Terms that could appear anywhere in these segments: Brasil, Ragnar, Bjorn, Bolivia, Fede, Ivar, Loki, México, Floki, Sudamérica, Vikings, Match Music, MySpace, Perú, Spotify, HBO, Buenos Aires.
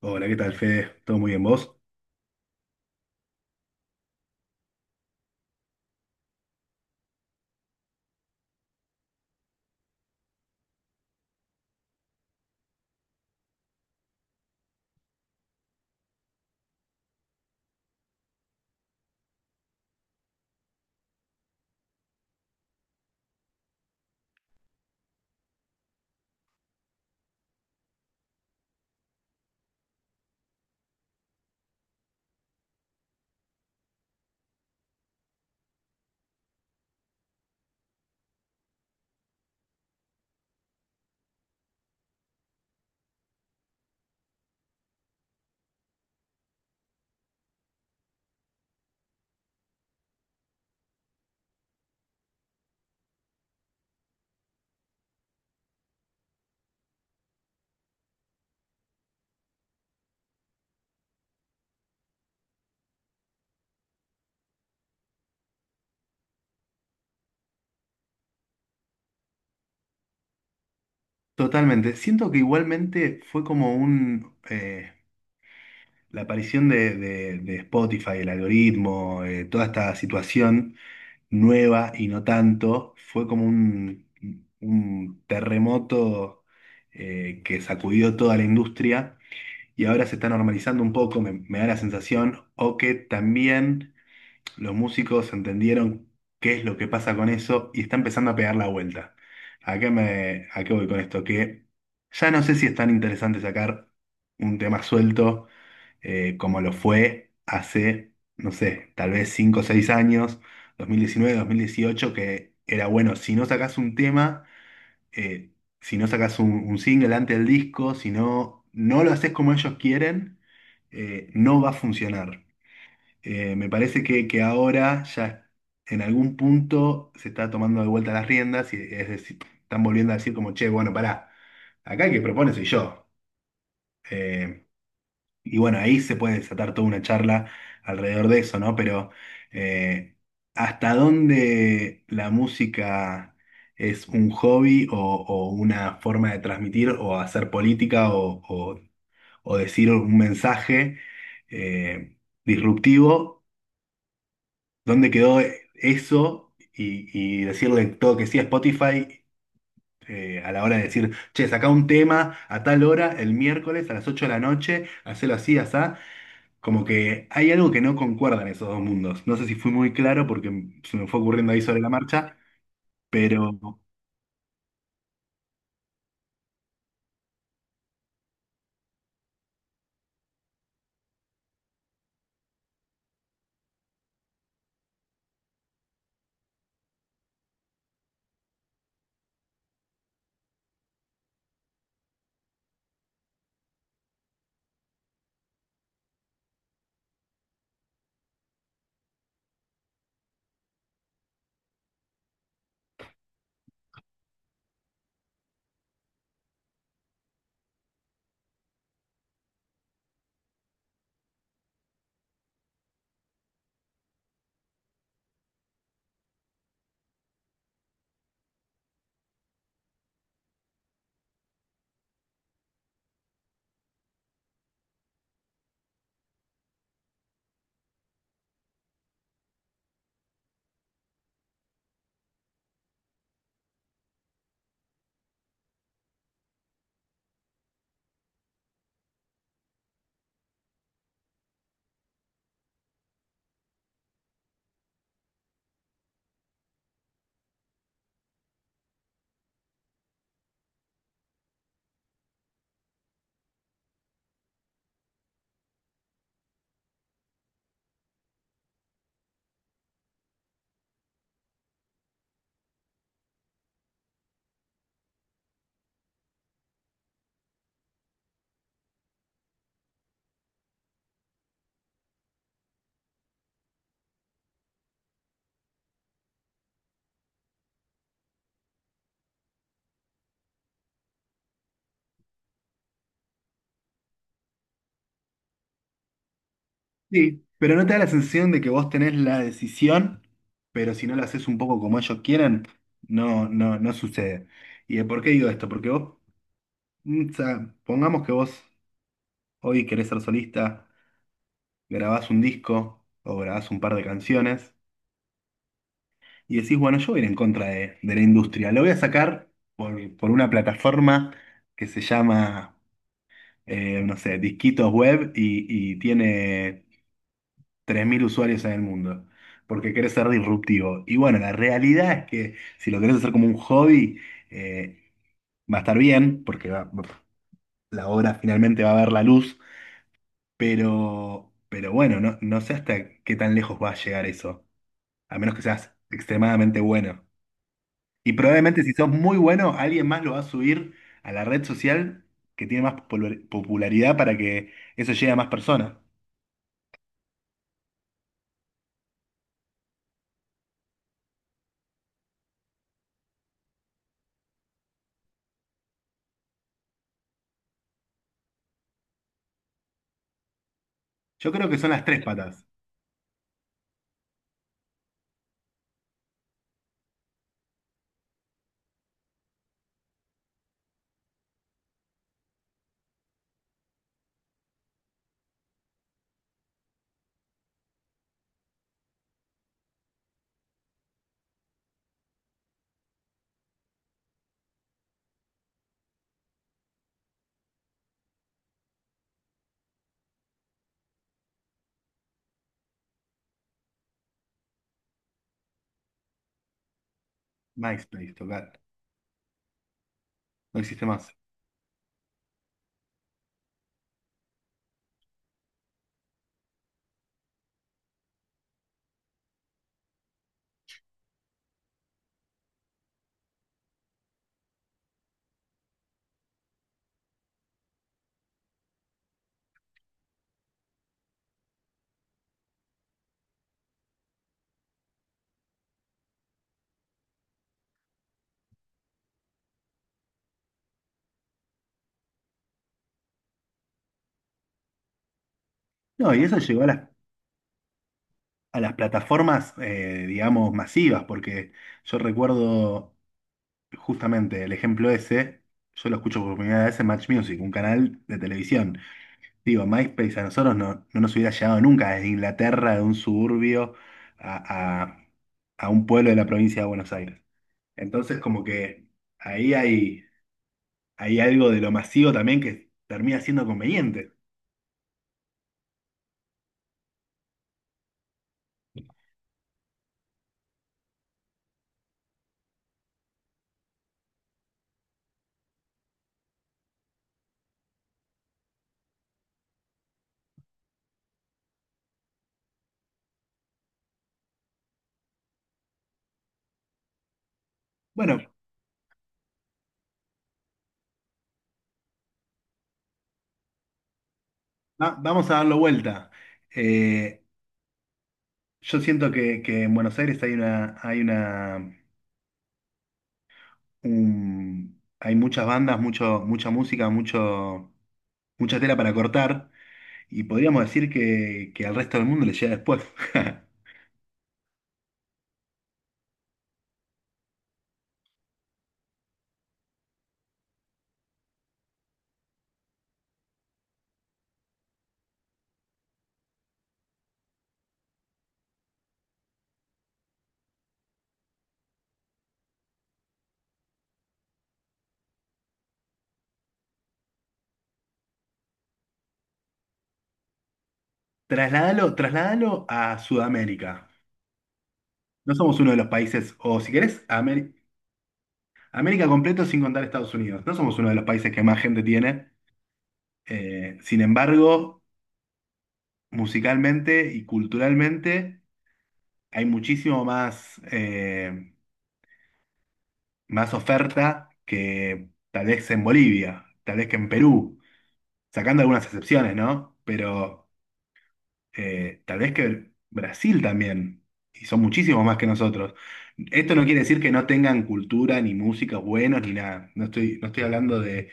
Hola, ¿qué tal, Fede? ¿Todo muy bien, vos? Totalmente. Siento que igualmente fue como un la aparición de Spotify, el algoritmo, toda esta situación nueva y no tanto, fue como un terremoto que sacudió toda la industria, y ahora se está normalizando un poco, me da la sensación, o que también los músicos entendieron qué es lo que pasa con eso y está empezando a pegar la vuelta. ¿A qué a qué voy con esto? Que ya no sé si es tan interesante sacar un tema suelto, como lo fue hace, no sé, tal vez 5 o 6 años, 2019, 2018, que era bueno, si no sacás un tema, eh, si no sacás un single antes del disco, si no, no lo haces como ellos quieren, no va a funcionar. Me parece que ahora ya en algún punto se está tomando de vuelta las riendas, y es decir, están volviendo a decir como, che, bueno, pará, acá el que propone soy yo. Eh, y bueno, ahí se puede desatar toda una charla alrededor de eso, ¿no? Pero eh, ¿hasta dónde la música es un hobby o una forma de transmitir o hacer política o o decir un mensaje eh, disruptivo? ¿Dónde quedó eso y decirle todo que sí a Spotify, a la hora de decir, che, saca un tema a tal hora, el miércoles a las 8 de la noche, hacelo así, asá? Como que hay algo que no concuerda en esos dos mundos. No sé si fui muy claro porque se me fue ocurriendo ahí sobre la marcha, pero sí, pero no te da la sensación de que vos tenés la decisión, pero si no la haces un poco como ellos quieren, no, no sucede. ¿Y de por qué digo esto? Porque vos, o sea, pongamos que vos hoy querés ser solista, grabás un disco o grabás un par de canciones y decís, bueno, yo voy a ir en contra de la industria. Lo voy a sacar por una plataforma que se llama, no sé, Disquitos Web, y tiene 3000 usuarios en el mundo, porque querés ser disruptivo. Y bueno, la realidad es que si lo querés hacer como un hobby, eh, va a estar bien, porque la obra finalmente va a ver la luz. Pero bueno, no, no sé hasta qué tan lejos va a llegar eso, a menos que seas extremadamente bueno. Y probablemente si sos muy bueno, alguien más lo va a subir a la red social que tiene más popularidad para que eso llegue a más personas. Yo creo que son las tres patas. MySpace, total. No existe más. No, y eso llegó a a las plataformas, digamos, masivas, porque yo recuerdo justamente el ejemplo ese, yo lo escucho por primera vez en Match Music, un canal de televisión. Digo, MySpace a nosotros no, no nos hubiera llegado nunca desde Inglaterra, de un suburbio a, a- a un pueblo de la provincia de Buenos Aires. Entonces, como que ahí hay algo de lo masivo también que termina siendo conveniente. Bueno, vamos a darlo vuelta. Eh, yo siento que en Buenos Aires hay una, hay una, hay muchas bandas, mucho, mucha música, mucho, mucha tela para cortar. Y podríamos decir que al resto del mundo le llega después. Trasládalo, trasládalo a Sudamérica. No somos uno de los países, o si querés, a América completo sin contar Estados Unidos. No somos uno de los países que más gente tiene. Sin embargo, musicalmente y culturalmente hay muchísimo más, más oferta que tal vez en Bolivia, tal vez que en Perú, sacando algunas excepciones, ¿no? Pero tal vez que Brasil también, y son muchísimos más que nosotros. Esto no quiere decir que no tengan cultura, ni música buenos, ni nada. No estoy, no estoy hablando de,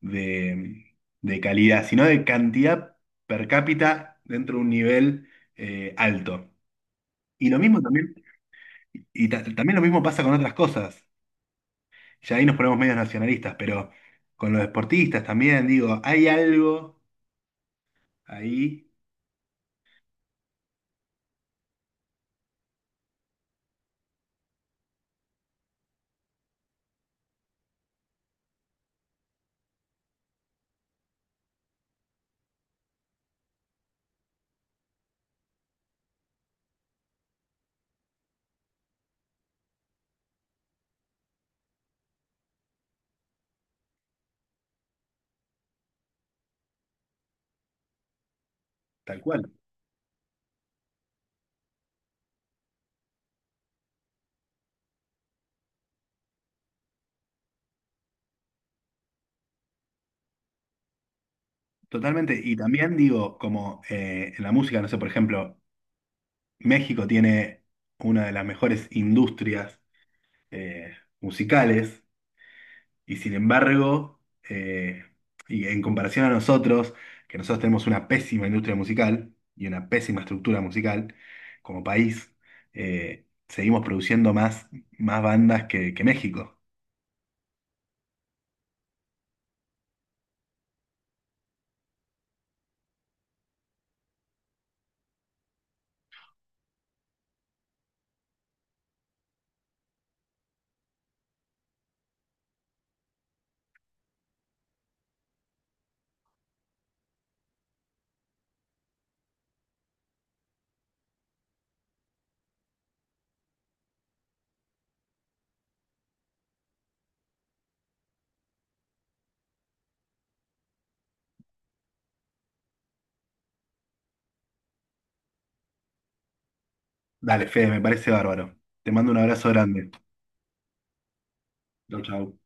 de, de calidad, sino de cantidad per cápita dentro de un nivel alto. Y lo mismo también, y también lo mismo pasa con otras cosas. Ya ahí nos ponemos medios nacionalistas, pero con los deportistas también, digo, hay algo ahí, tal cual. Totalmente. Y también digo, como en la música, no sé, por ejemplo, México tiene una de las mejores industrias, eh, musicales, y sin embargo, eh, y en comparación a nosotros, que nosotros tenemos una pésima industria musical y una pésima estructura musical como país, seguimos produciendo más, más bandas que México. Dale, Fede, me parece bárbaro. Te mando un abrazo grande. Chau, chau.